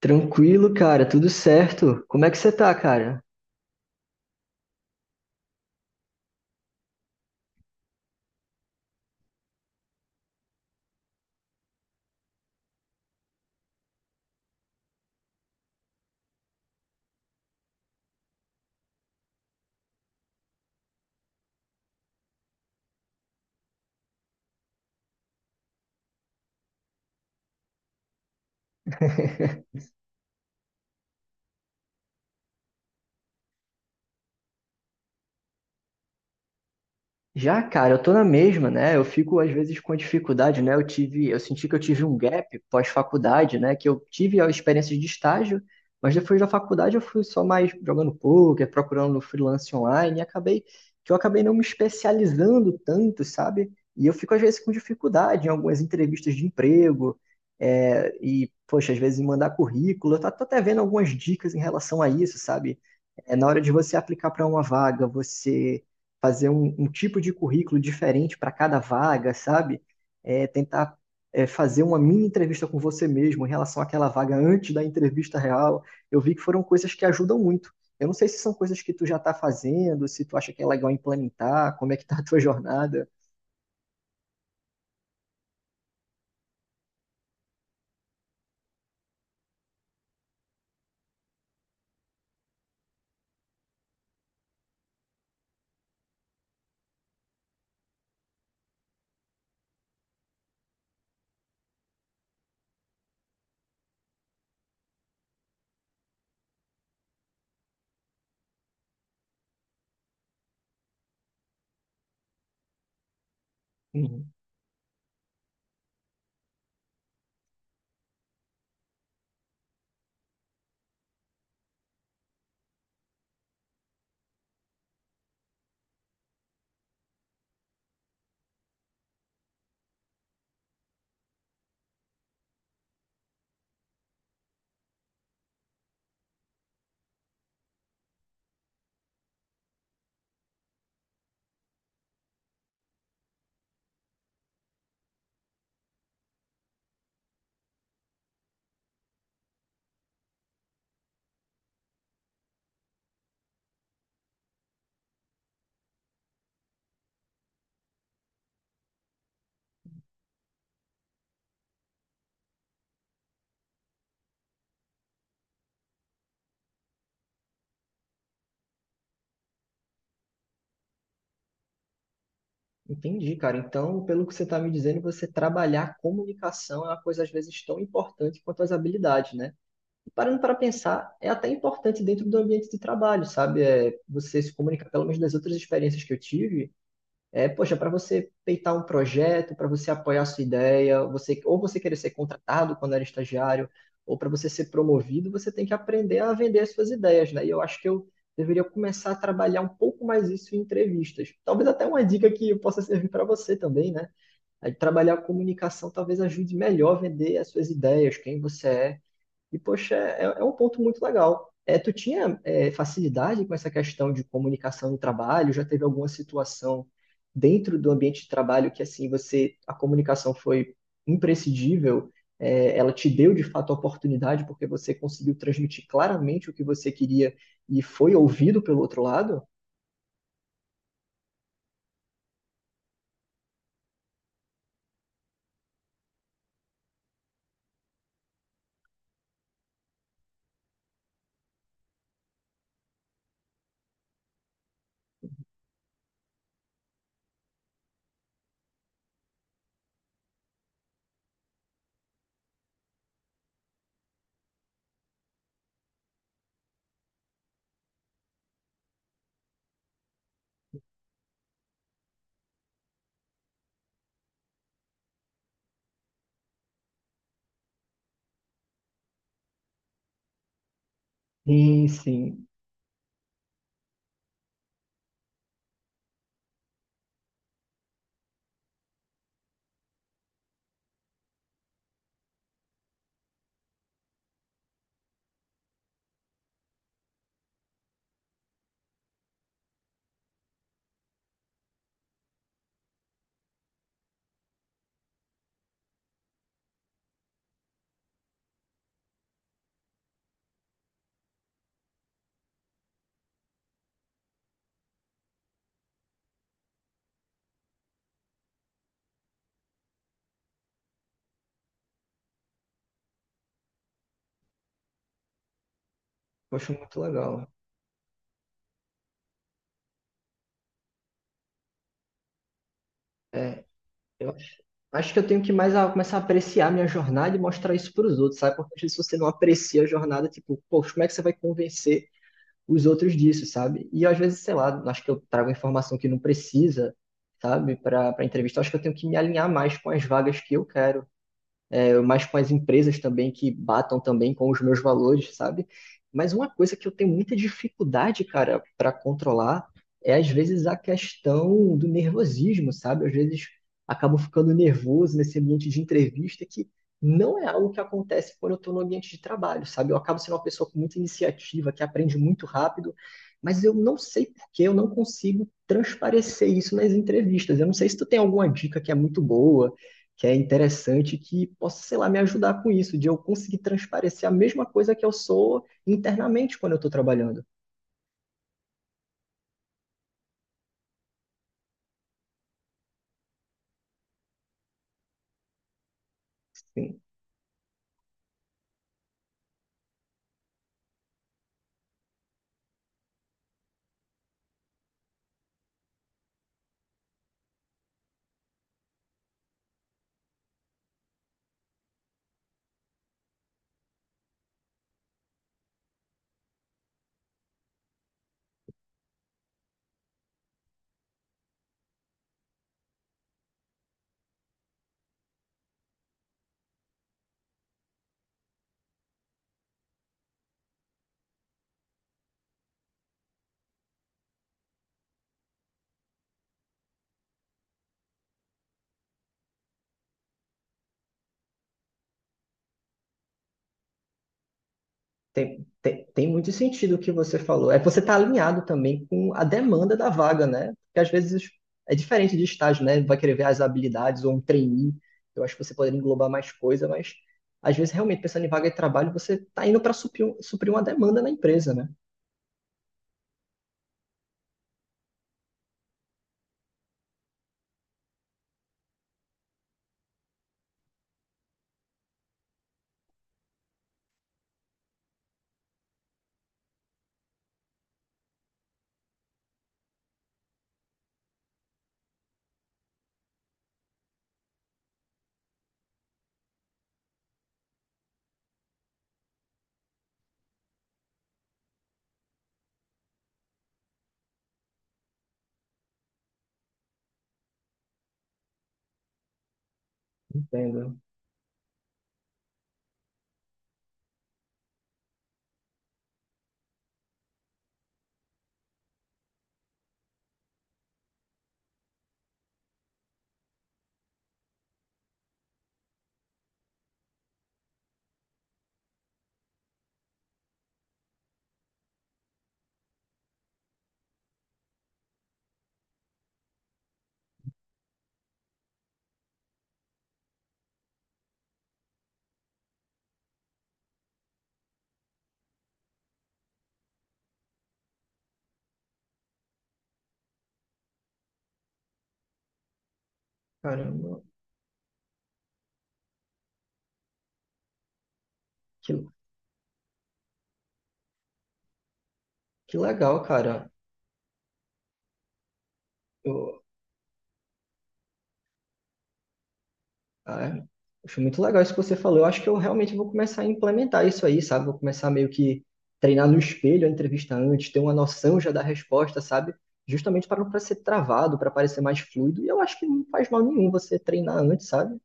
Tranquilo, cara, tudo certo. Como é que você tá, cara? Já, cara, eu tô na mesma, né? Eu fico às vezes com dificuldade, né? Eu senti que eu tive um gap pós-faculdade, né? Que eu tive a experiência de estágio, mas depois da faculdade eu fui só mais jogando poker, procurando no freelance online e acabei que eu acabei não me especializando tanto, sabe? E eu fico às vezes com dificuldade em algumas entrevistas de emprego, e poxa, às vezes em mandar currículo. Eu tô até vendo algumas dicas em relação a isso, sabe? É, na hora de você aplicar para uma vaga, você fazer um tipo de currículo diferente para cada vaga, sabe? É, tentar fazer uma mini entrevista com você mesmo em relação àquela vaga antes da entrevista real. Eu vi que foram coisas que ajudam muito. Eu não sei se são coisas que tu já está fazendo, se tu acha que é legal implementar, como é que tá a tua jornada. Uhum. Entendi, cara. Então, pelo que você está me dizendo, você trabalhar comunicação é uma coisa às vezes tão importante quanto as habilidades, né? Parando para pensar, é até importante dentro do ambiente de trabalho, sabe? É, você se comunicar, pelo menos das outras experiências que eu tive, é, poxa, para você peitar um projeto, para você apoiar a sua ideia, você, ou você querer ser contratado quando era estagiário, ou para você ser promovido, você tem que aprender a vender as suas ideias, né? E eu acho que eu deveria começar a trabalhar um pouco mais isso em entrevistas. Talvez até uma dica que possa servir para você também, né? Aí, trabalhar a comunicação talvez ajude melhor a vender as suas ideias, quem você é, e, poxa, é um ponto muito legal. É, tu tinha facilidade com essa questão de comunicação no trabalho? Já teve alguma situação dentro do ambiente de trabalho que, assim, você, a comunicação foi imprescindível? É, ela te deu, de fato, a oportunidade porque você conseguiu transmitir claramente o que você queria e foi ouvido pelo outro lado? Sim, sim. Poxa, muito legal. É, eu acho que eu tenho que mais começar a apreciar a minha jornada e mostrar isso para os outros, sabe? Porque às vezes você não aprecia a jornada, tipo, poxa, como é que você vai convencer os outros disso, sabe? E às vezes, sei lá, acho que eu trago informação que não precisa, sabe, para entrevista. Acho que eu tenho que me alinhar mais com as vagas que eu quero, é, mas com as empresas também que batam também com os meus valores, sabe? Mas uma coisa que eu tenho muita dificuldade, cara, para controlar é às vezes a questão do nervosismo, sabe? Às vezes acabo ficando nervoso nesse ambiente de entrevista que não é algo que acontece quando eu estou no ambiente de trabalho, sabe? Eu acabo sendo uma pessoa com muita iniciativa, que aprende muito rápido, mas eu não sei por que eu não consigo transparecer isso nas entrevistas. Eu não sei se tu tem alguma dica que é muito boa que é interessante que possa, sei lá, me ajudar com isso, de eu conseguir transparecer a mesma coisa que eu sou internamente quando eu estou trabalhando. Sim, tem muito sentido o que você falou. É que você está alinhado também com a demanda da vaga, né? Porque às vezes é diferente de estágio, né? Vai querer ver as habilidades ou um trainee. Eu acho que você poderia englobar mais coisa, mas às vezes realmente pensando em vaga de trabalho, você está indo para suprir, suprir uma demanda na empresa, né? Entendo. Caramba, que, que legal, cara. Ah, é. Muito legal isso que você falou. Eu acho que eu realmente vou começar a implementar isso aí, sabe? Vou começar meio que treinar no espelho a entrevista antes, ter uma noção já da resposta, sabe? Justamente para não pra ser travado, para parecer mais fluido. E eu acho que não faz mal nenhum você treinar antes, sabe?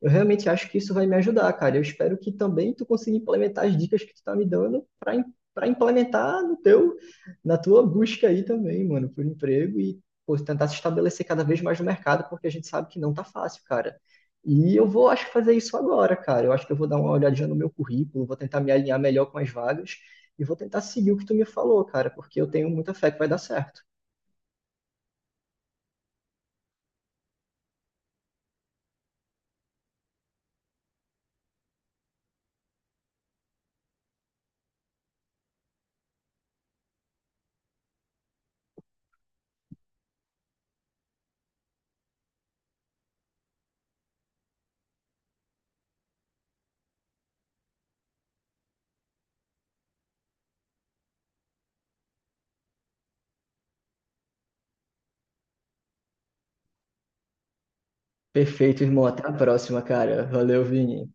Eu realmente acho que isso vai me ajudar, cara. Eu espero que também tu consiga implementar as dicas que tu tá me dando para implementar no teu na tua busca aí também, mano, por emprego e pô, tentar se estabelecer cada vez mais no mercado, porque a gente sabe que não tá fácil, cara. E eu vou, acho que fazer isso agora, cara. Eu acho que eu vou dar uma olhadinha no meu currículo, vou tentar me alinhar melhor com as vagas e vou tentar seguir o que tu me falou, cara, porque eu tenho muita fé que vai dar certo. Perfeito, irmão. Até a próxima, cara. Valeu, Vini.